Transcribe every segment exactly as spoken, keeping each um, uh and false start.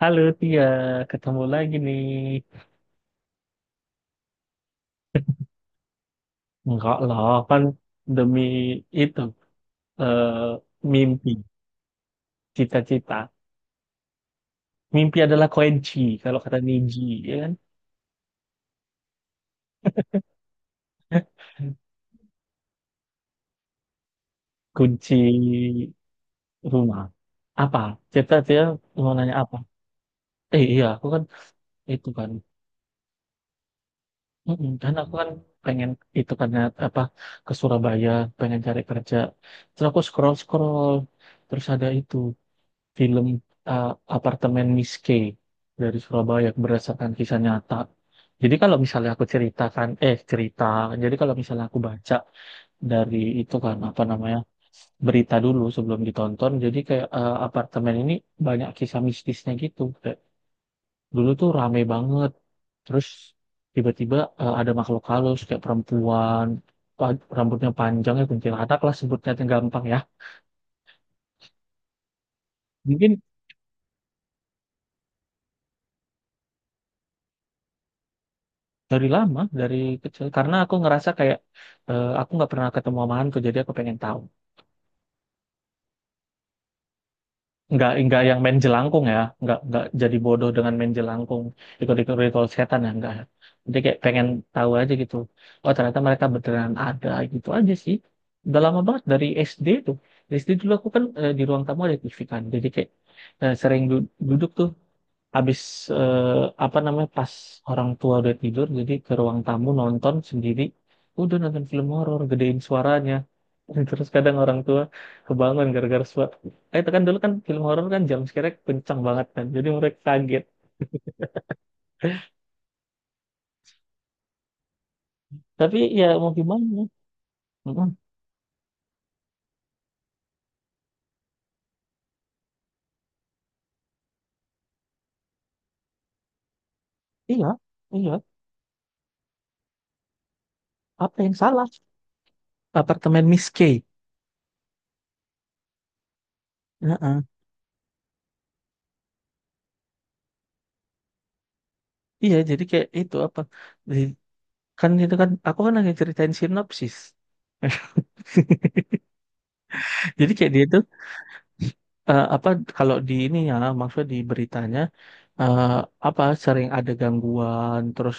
Halo Tia, ketemu lagi nih. Enggak lah, kan demi itu eh, mimpi, cita-cita. Mimpi adalah kunci, kalau kata Niji, ya kan? Kunci rumah. Apa? Cita-cita mau nanya apa? Eh iya, aku kan itu kan. mm kan aku kan pengen itu kan ya, apa ke Surabaya, pengen cari kerja. Terus aku scroll-scroll, terus ada itu. Film uh, Apartemen Miss K dari Surabaya berdasarkan kisah nyata. Jadi kalau misalnya aku ceritakan, eh cerita, jadi kalau misalnya aku baca dari itu kan apa namanya berita dulu sebelum ditonton, jadi kayak eh, apartemen ini banyak kisah mistisnya gitu. Kayak dulu tuh rame banget, terus tiba-tiba eh, ada makhluk halus kayak perempuan, pa- rambutnya panjang ya kuntilanak lah sebutnya yang gampang ya. Mungkin dari lama, dari kecil. Karena aku ngerasa kayak eh, aku nggak pernah ketemu sama hantu, jadi aku pengen tahu. Nggak, nggak yang main jelangkung ya, nggak nggak jadi bodoh dengan main jelangkung, ikut-ikut ritual setan ya, nggak. Jadi kayak pengen tahu aja gitu. Oh ternyata mereka beneran ada gitu aja sih. Udah lama banget dari S D tuh. Dari S D dulu aku kan eh, di ruang tamu ada T V kan, jadi kayak eh, sering du- duduk tuh. Habis eh, apa namanya pas orang tua udah tidur jadi ke ruang tamu nonton sendiri, udah nonton film horor gedein suaranya terus kadang orang tua kebangun gara-gara suara, eh itu kan dulu kan film horor kan jam scare kencang banget kan jadi mereka kaget, tapi ya mau gimana. Mm-mm. Iya, iya, apa yang salah, apartemen Miss K. Heeh. Iya jadi kayak itu apa, Di- kan itu kan aku kan lagi ceritain sinopsis. Jadi kayak dia tuh eh, apa, kalau di ini ya, maksudnya di beritanya eh, apa, sering ada gangguan, terus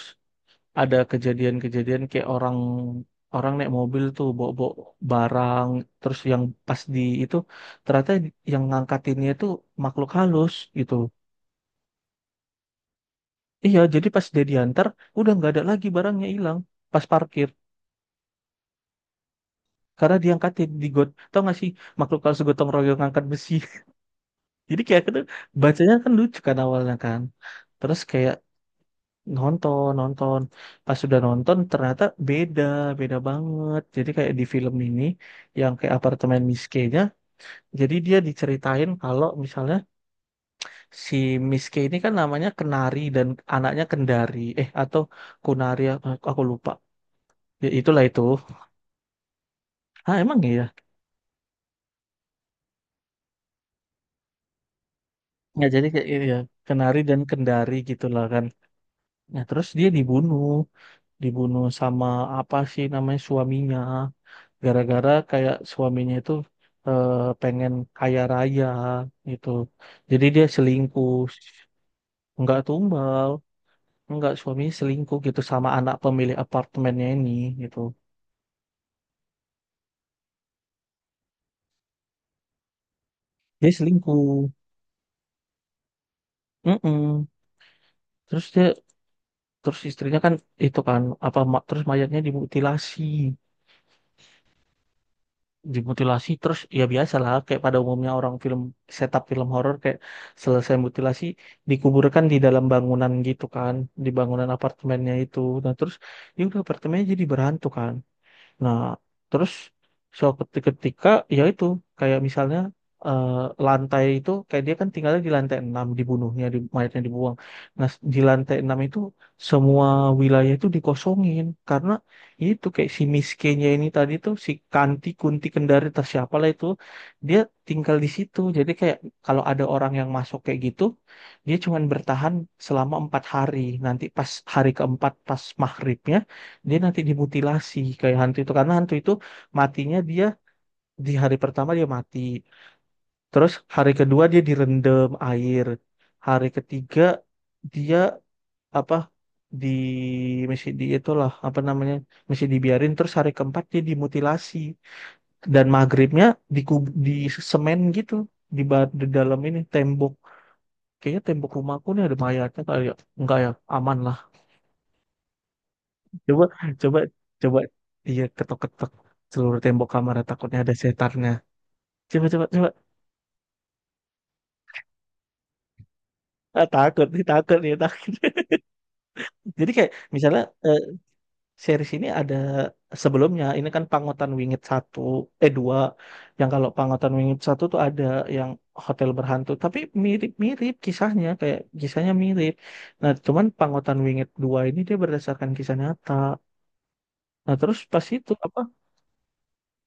ada kejadian-kejadian kayak orang, orang naik mobil tuh bawa-bawa barang, terus yang pas di itu ternyata yang ngangkatinnya itu makhluk halus gitu. Iya, jadi pas dia diantar udah nggak ada lagi, barangnya hilang pas parkir, karena diangkatin di got, tau nggak sih, makhluk halus gotong royong ngangkat besi. Jadi kayak gitu, bacanya kan lucu kan awalnya kan. Terus kayak nonton nonton pas sudah nonton ternyata beda, beda banget, jadi kayak di film ini yang kayak apartemen Miss K-nya, jadi dia diceritain kalau misalnya si Miss K ini kan namanya Kenari, dan anaknya Kendari eh atau Kunari, aku aku lupa, ya itulah itu, ah emang iya, ya jadi kayak iya, Kenari dan Kendari gitulah kan. Nah terus dia dibunuh, dibunuh sama apa sih namanya suaminya, gara-gara kayak suaminya itu eh, pengen kaya raya gitu, jadi dia selingkuh. Nggak tumbal, nggak, suaminya selingkuh gitu sama anak pemilik apartemennya ini gitu, dia selingkuh. Mm-mm. Terus dia, terus istrinya kan itu kan apa ma- terus mayatnya dimutilasi, dimutilasi, terus ya biasa lah kayak pada umumnya orang film, setup film horor kayak selesai mutilasi dikuburkan di dalam bangunan gitu kan, di bangunan apartemennya itu, nah terus ya udah apartemennya jadi berhantu kan. Nah, terus suatu ketika, ya itu kayak misalnya eh, lantai itu kayak dia kan tinggalnya di lantai enam, dibunuhnya di, mayatnya dibuang. Nah, di lantai enam itu semua wilayah itu dikosongin karena itu kayak si miskinnya ini tadi tuh, si Kanti Kunti Kendari atau siapalah itu dia tinggal di situ. Jadi kayak kalau ada orang yang masuk kayak gitu, dia cuman bertahan selama empat hari. Nanti pas hari keempat pas maghribnya, dia nanti dimutilasi kayak hantu itu, karena hantu itu matinya dia di hari pertama dia mati, terus hari kedua dia direndam air, hari ketiga dia apa, di, masih di itulah apa namanya, masih dibiarin, terus hari keempat dia dimutilasi dan maghribnya di di semen gitu di, ba- di dalam ini tembok. Kayaknya tembok rumahku nih ada mayatnya kali ya, enggak ya, aman lah. Coba, coba, coba. Iya, ketok-ketok seluruh tembok kamar takutnya ada setannya. Coba, coba, coba. Ah, takut nih, takut nih, takut. Jadi kayak misalnya eh, series ini ada sebelumnya, ini kan Pangotan Wingit satu, eh dua. Yang kalau Pangotan Wingit satu tuh ada yang hotel berhantu, tapi mirip-mirip kisahnya, kayak kisahnya mirip. Nah, cuman Pangotan Wingit dua ini dia berdasarkan kisah nyata. Nah, terus pas itu apa,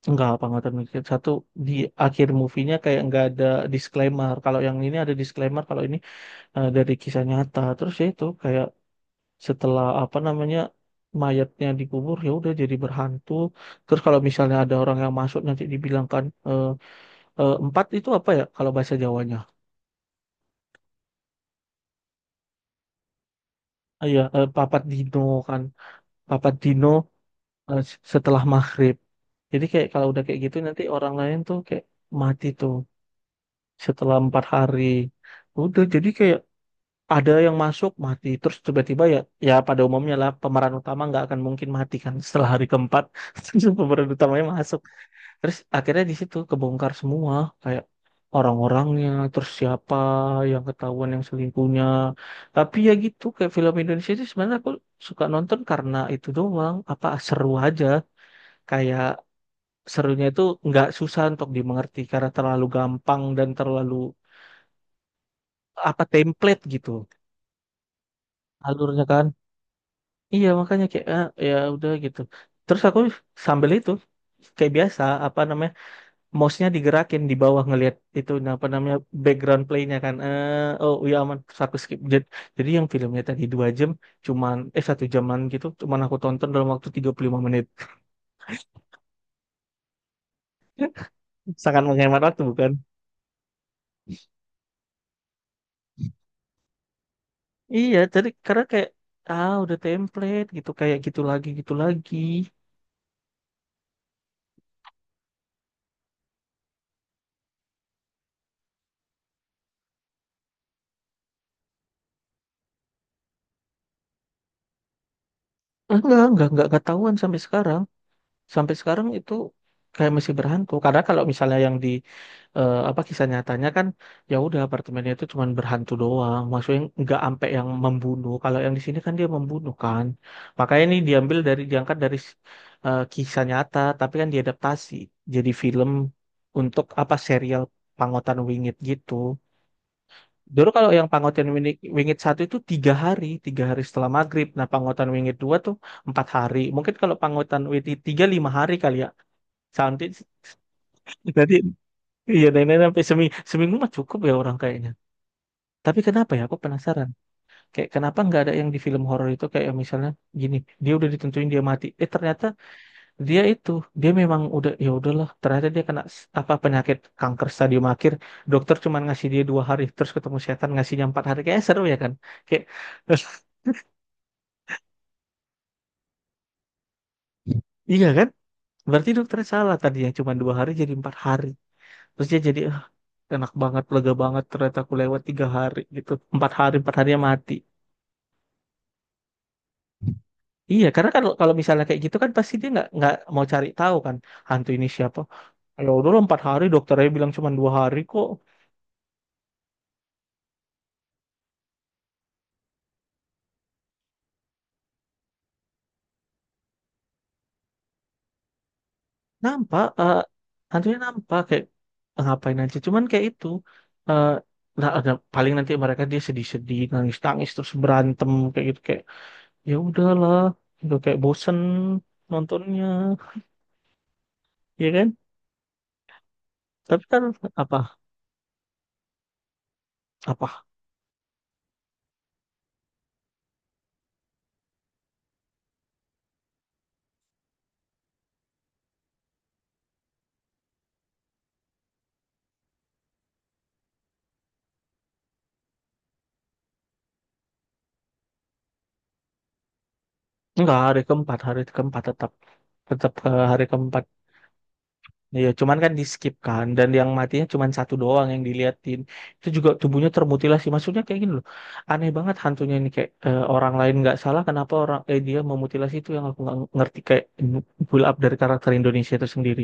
enggak, apa nggak termikir. Satu di akhir movie-nya kayak nggak ada disclaimer. Kalau yang ini ada disclaimer, kalau ini eh, dari kisah nyata. Terus ya itu kayak setelah apa namanya mayatnya dikubur ya udah jadi berhantu. Terus kalau misalnya ada orang yang masuk nanti dibilangkan eh, eh, empat itu apa ya kalau bahasa Jawanya? Ah, iya, eh, papat dino kan. Papat dino eh, s- setelah maghrib. Jadi kayak kalau udah kayak gitu nanti orang lain tuh kayak mati tuh setelah empat hari. Udah jadi kayak ada yang masuk mati, terus tiba-tiba ya, ya pada umumnya lah pemeran utama nggak akan mungkin mati kan setelah hari keempat. Pemeran utamanya masuk, terus akhirnya di situ kebongkar semua kayak orang-orangnya, terus siapa yang ketahuan yang selingkuhnya. Tapi ya gitu kayak film Indonesia itu sebenarnya aku suka nonton karena itu doang, apa, seru aja, kayak serunya itu nggak susah untuk dimengerti karena terlalu gampang dan terlalu apa, template gitu, alurnya kan. Iya makanya kayak ah, ya udah gitu. Terus aku sambil itu kayak biasa apa namanya, mouse-nya digerakin di bawah ngelihat itu, nah, apa namanya, background play-nya kan. Eh, oh iya aman. Terus aku skip. Jad- Jadi, yang filmnya tadi dua jam cuman eh satu jaman gitu cuman aku tonton dalam waktu tiga puluh lima menit. Sangat menghemat waktu bukan? Iya jadi karena kayak ah udah template gitu kayak gitu lagi gitu lagi. Enggak enggak enggak ketahuan sampai sekarang. Sampai sekarang itu kayak masih berhantu, karena kalau misalnya yang di eh, apa, kisah nyatanya kan ya udah apartemennya itu cuman berhantu doang, maksudnya nggak ampe yang membunuh. Kalau yang di sini kan dia membunuh kan, makanya ini diambil dari, diangkat dari eh, kisah nyata tapi kan diadaptasi jadi film untuk apa serial Pangotan Wingit gitu. Dulu kalau yang Pangotan Wingit, Wingit satu itu tiga hari, tiga hari setelah maghrib. Nah Pangotan Wingit dua tuh empat hari, mungkin kalau Pangotan Wingit tiga lima hari kali ya. Santai. Nanti iya nenek sampai seminggu, seminggu mah cukup ya orang kayaknya. Tapi kenapa ya? Aku penasaran. Kayak kenapa nggak ada yang di film horor itu kayak misalnya gini, dia udah ditentuin dia mati. Eh ternyata dia itu dia memang udah, ya udahlah. Ternyata dia kena s- apa, penyakit kanker stadium akhir. Dokter cuma ngasih dia dua hari, terus ketemu setan ngasihnya empat hari. Kayak seru ya kan? Kayak iya kan? Berarti dokternya salah, tadi yang cuma dua hari jadi empat hari. Terus dia jadi, "Ah, enak banget, lega banget ternyata aku lewat tiga hari gitu, empat hari, empat harinya mati." Iya karena kalau kalau misalnya kayak gitu kan pasti dia nggak nggak mau cari tahu kan hantu ini siapa, ya udah lah, empat hari, dokternya bilang cuma dua hari kok. Nampak eh, hantunya nampak kayak, "Eh, ngapain aja cuman kayak itu eh, nah, ada paling nanti mereka dia sedih-sedih, nangis-nangis, terus berantem kayak gitu." Kayak ya udahlah, udah kayak bosen nontonnya, ya kan. Tapi kan apa, apa, enggak, hari keempat, hari keempat tetap, tetap ke hari keempat. Ya, cuman kan di skip kan, dan yang matinya cuman satu doang yang diliatin. Itu juga tubuhnya termutilasi. Maksudnya kayak gini loh. Aneh banget hantunya ini kayak eh, orang lain nggak salah, kenapa orang eh dia memutilasi, itu yang aku nggak ngerti kayak pull up dari karakter Indonesia itu sendiri.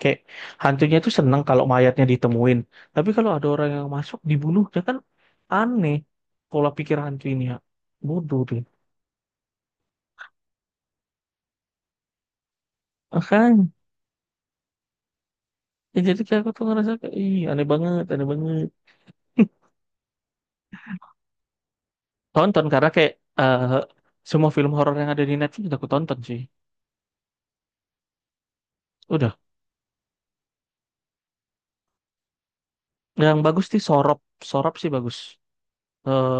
Kayak hantunya itu seneng kalau mayatnya ditemuin. Tapi kalau ada orang yang masuk dibunuh, dia kan aneh pola pikir hantu ini ya. Bodoh deh. Ya, jadi kayak aku tuh ngerasa kayak ih aneh banget, aneh banget. Tonton karena kayak eh, semua film horor yang ada di Netflix udah aku tonton sih. Udah. Yang bagus sih Sorop, Sorop sih bagus. Eh,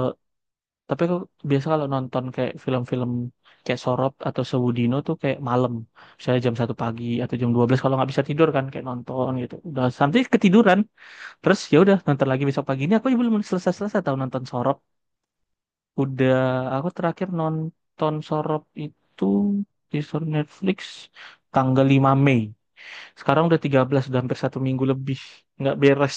tapi aku biasa kalau nonton kayak film-film kayak Sorop atau Sewudino tuh kayak malam. Misalnya jam satu pagi atau jam dua belas kalau nggak bisa tidur kan kayak nonton gitu. Udah sampai ketiduran. Terus ya udah nonton lagi besok paginya aku belum selesai-selesai tahu nonton Sorop. Udah, aku terakhir nonton Sorop itu di sur- Netflix tanggal lima Mei. Sekarang udah tiga belas, udah hampir satu minggu lebih. Nggak beres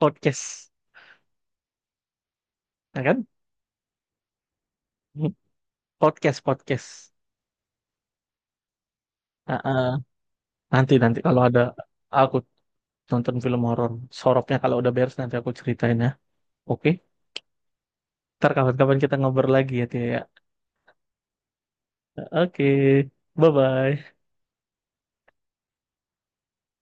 podcast. Ya kan? Podcast, podcast. Ah, ah. Nanti, nanti kalau ada aku nonton film horor. Soropnya kalau udah beres nanti aku ceritain ya. Oke? Ntar kapan-kapan kita ngobrol lagi ya, Tia. Ya. Oke. Bye-bye.